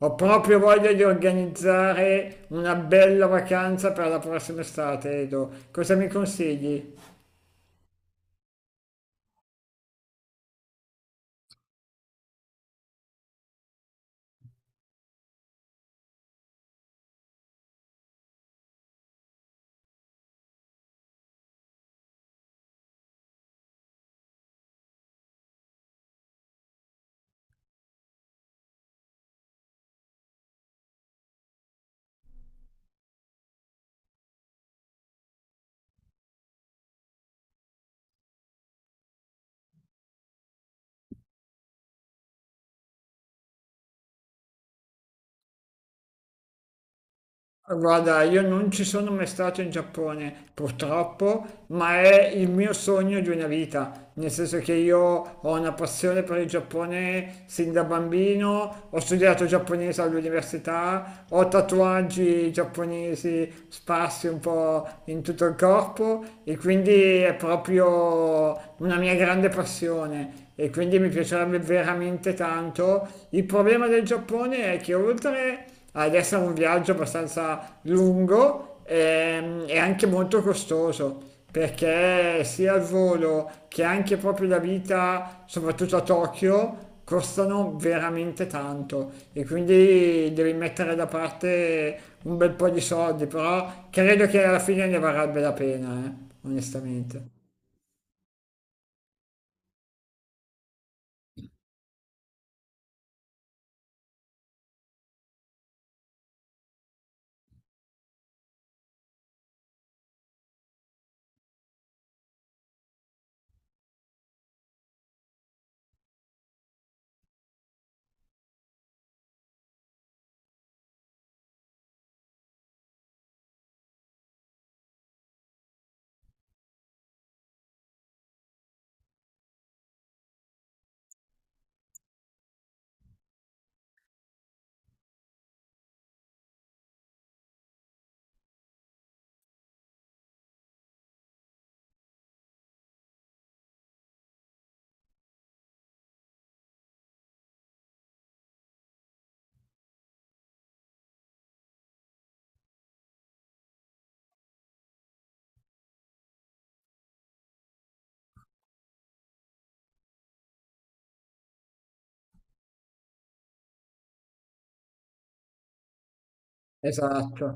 Ho proprio voglia di organizzare una bella vacanza per la prossima estate, Edo. Cosa mi consigli? Guarda, io non ci sono mai stato in Giappone, purtroppo, ma è il mio sogno di una vita, nel senso che io ho una passione per il Giappone sin da bambino, ho studiato giapponese all'università, ho tatuaggi giapponesi sparsi un po' in tutto il corpo e quindi è proprio una mia grande passione e quindi mi piacerebbe veramente tanto. Il problema del Giappone è che oltre ad essere un viaggio abbastanza lungo, è anche molto costoso. Perché sia il volo che anche proprio la vita, soprattutto a Tokyo, costano veramente tanto e quindi devi mettere da parte un bel po' di soldi, però credo che alla fine ne varrebbe la pena, onestamente. Esatto,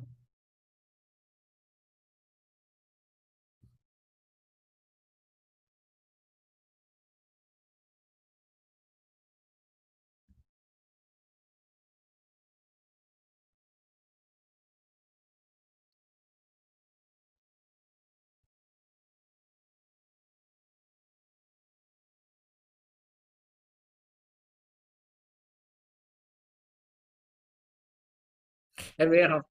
è vero.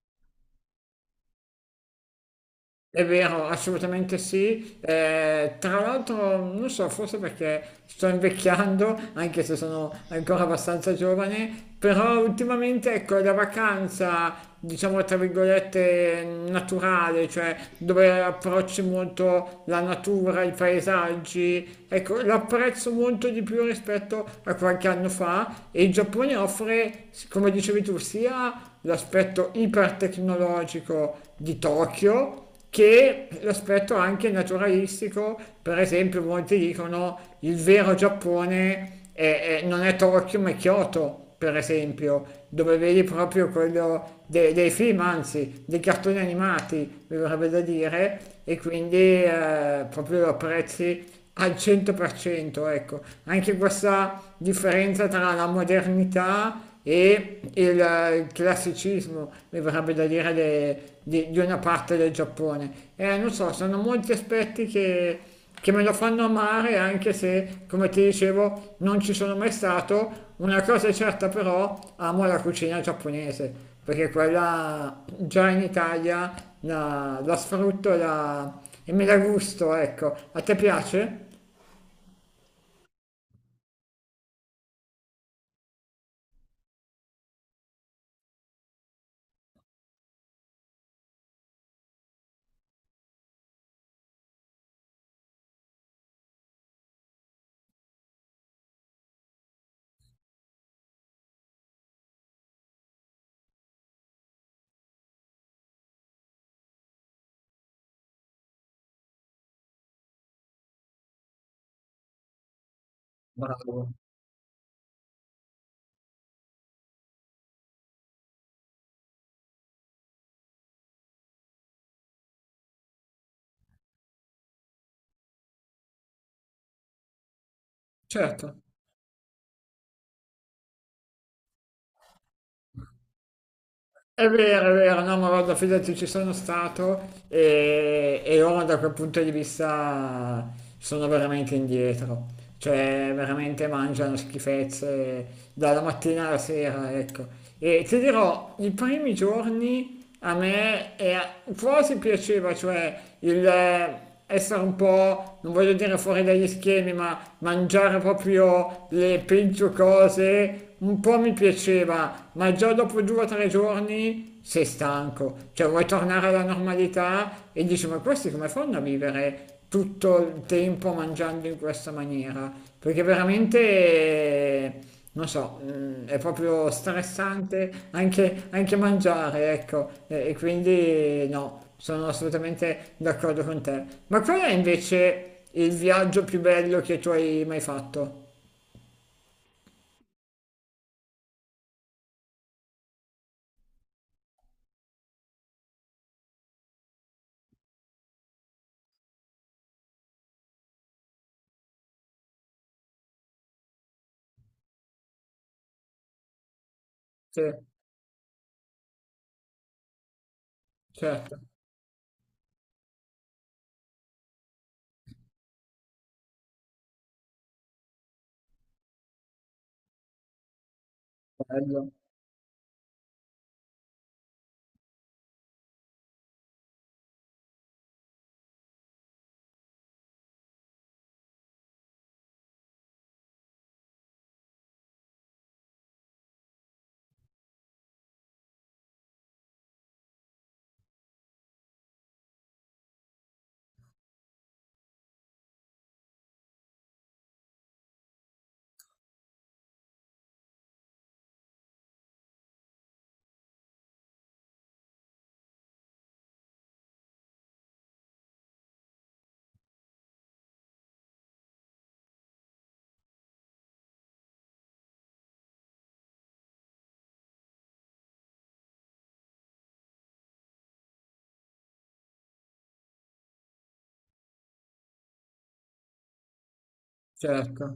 È vero, assolutamente sì. Tra l'altro, non so, forse perché sto invecchiando, anche se sono ancora abbastanza giovane, però ultimamente, ecco, la vacanza, diciamo, tra virgolette, naturale, cioè dove approcci molto la natura, i paesaggi, ecco, l'apprezzo molto di più rispetto a qualche anno fa e il Giappone offre, come dicevi tu, sia l'aspetto ipertecnologico di Tokyo, che l'aspetto anche naturalistico, per esempio molti dicono il vero Giappone non è Tokyo ma è Kyoto, per esempio, dove vedi proprio quello dei film, anzi dei cartoni animati, mi verrebbe da dire, e quindi proprio lo apprezzi al 100%, ecco, anche questa differenza tra la modernità e il classicismo, mi verrebbe da dire, di una parte del Giappone. Non so, sono molti aspetti che me lo fanno amare, anche se, come ti dicevo, non ci sono mai stato. Una cosa è certa però, amo la cucina giapponese, perché quella già in Italia la sfrutto e me la gusto, ecco. A te piace? Bravo. Certo. È vero, no, ma guarda, fidati, ci sono stato e ora da quel punto di vista sono veramente indietro, cioè veramente mangiano schifezze dalla mattina alla sera, ecco. E ti dirò, i primi giorni a me quasi piaceva, cioè il essere un po', non voglio dire fuori dagli schemi, ma mangiare proprio le peggio cose, un po' mi piaceva, ma già dopo 2 o 3 giorni sei stanco, cioè vuoi tornare alla normalità e dici ma questi come fanno a vivere tutto il tempo mangiando in questa maniera? Perché veramente, non so, è proprio stressante anche mangiare, ecco, e quindi no, sono assolutamente d'accordo con te. Ma qual è invece il viaggio più bello che tu hai mai fatto? Sì, certo, bello, certo.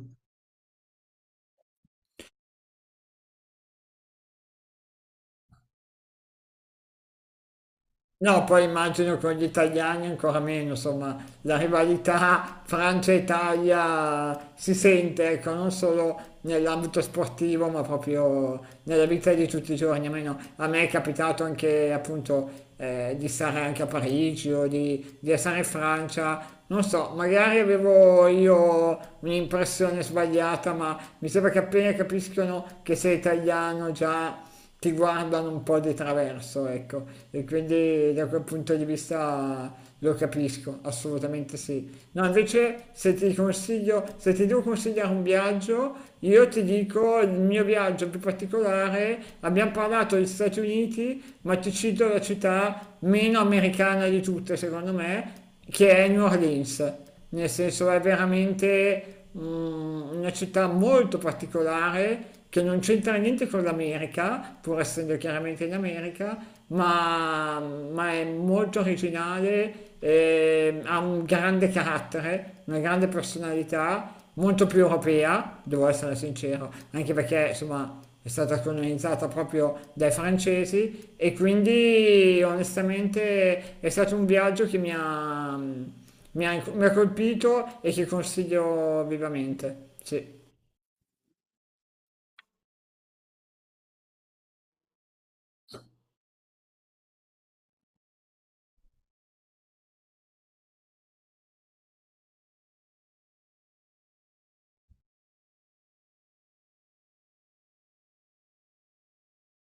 No, poi immagino con gli italiani ancora meno, insomma, la rivalità Francia-Italia si sente, ecco, non solo nell'ambito sportivo, ma proprio nella vita di tutti i giorni. Almeno a me è capitato anche, appunto, di stare anche a Parigi o di essere in Francia. Non so, magari avevo io un'impressione sbagliata, ma mi sembra che appena capiscono che sei italiano già ti guardano un po' di traverso, ecco, e quindi da quel punto di vista lo capisco, assolutamente sì. No, invece se ti consiglio, se ti devo consigliare un viaggio, io ti dico il mio viaggio più particolare, abbiamo parlato degli Stati Uniti, ma ti cito la città meno americana di tutte, secondo me, che è New Orleans, nel senso è veramente una città molto particolare che non c'entra niente con l'America, pur essendo chiaramente in America, ma è molto originale, e ha un grande carattere, una grande personalità molto più europea, devo essere sincero, anche perché insomma è stata colonizzata proprio dai francesi e quindi onestamente è stato un viaggio che mi ha colpito e che consiglio vivamente. Sì,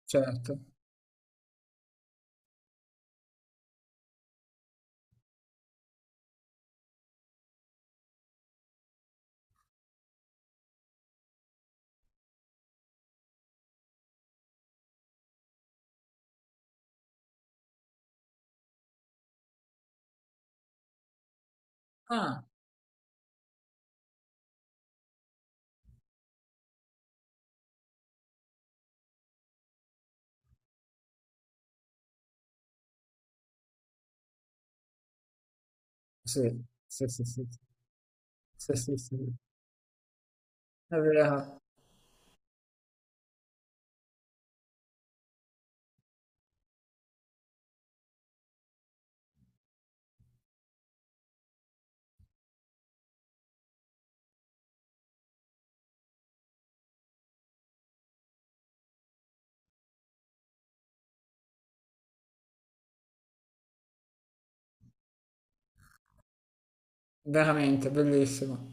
certo. Ah, sì, sì, sì, sì, sì, sì, sì. È vero, veramente bellissimo.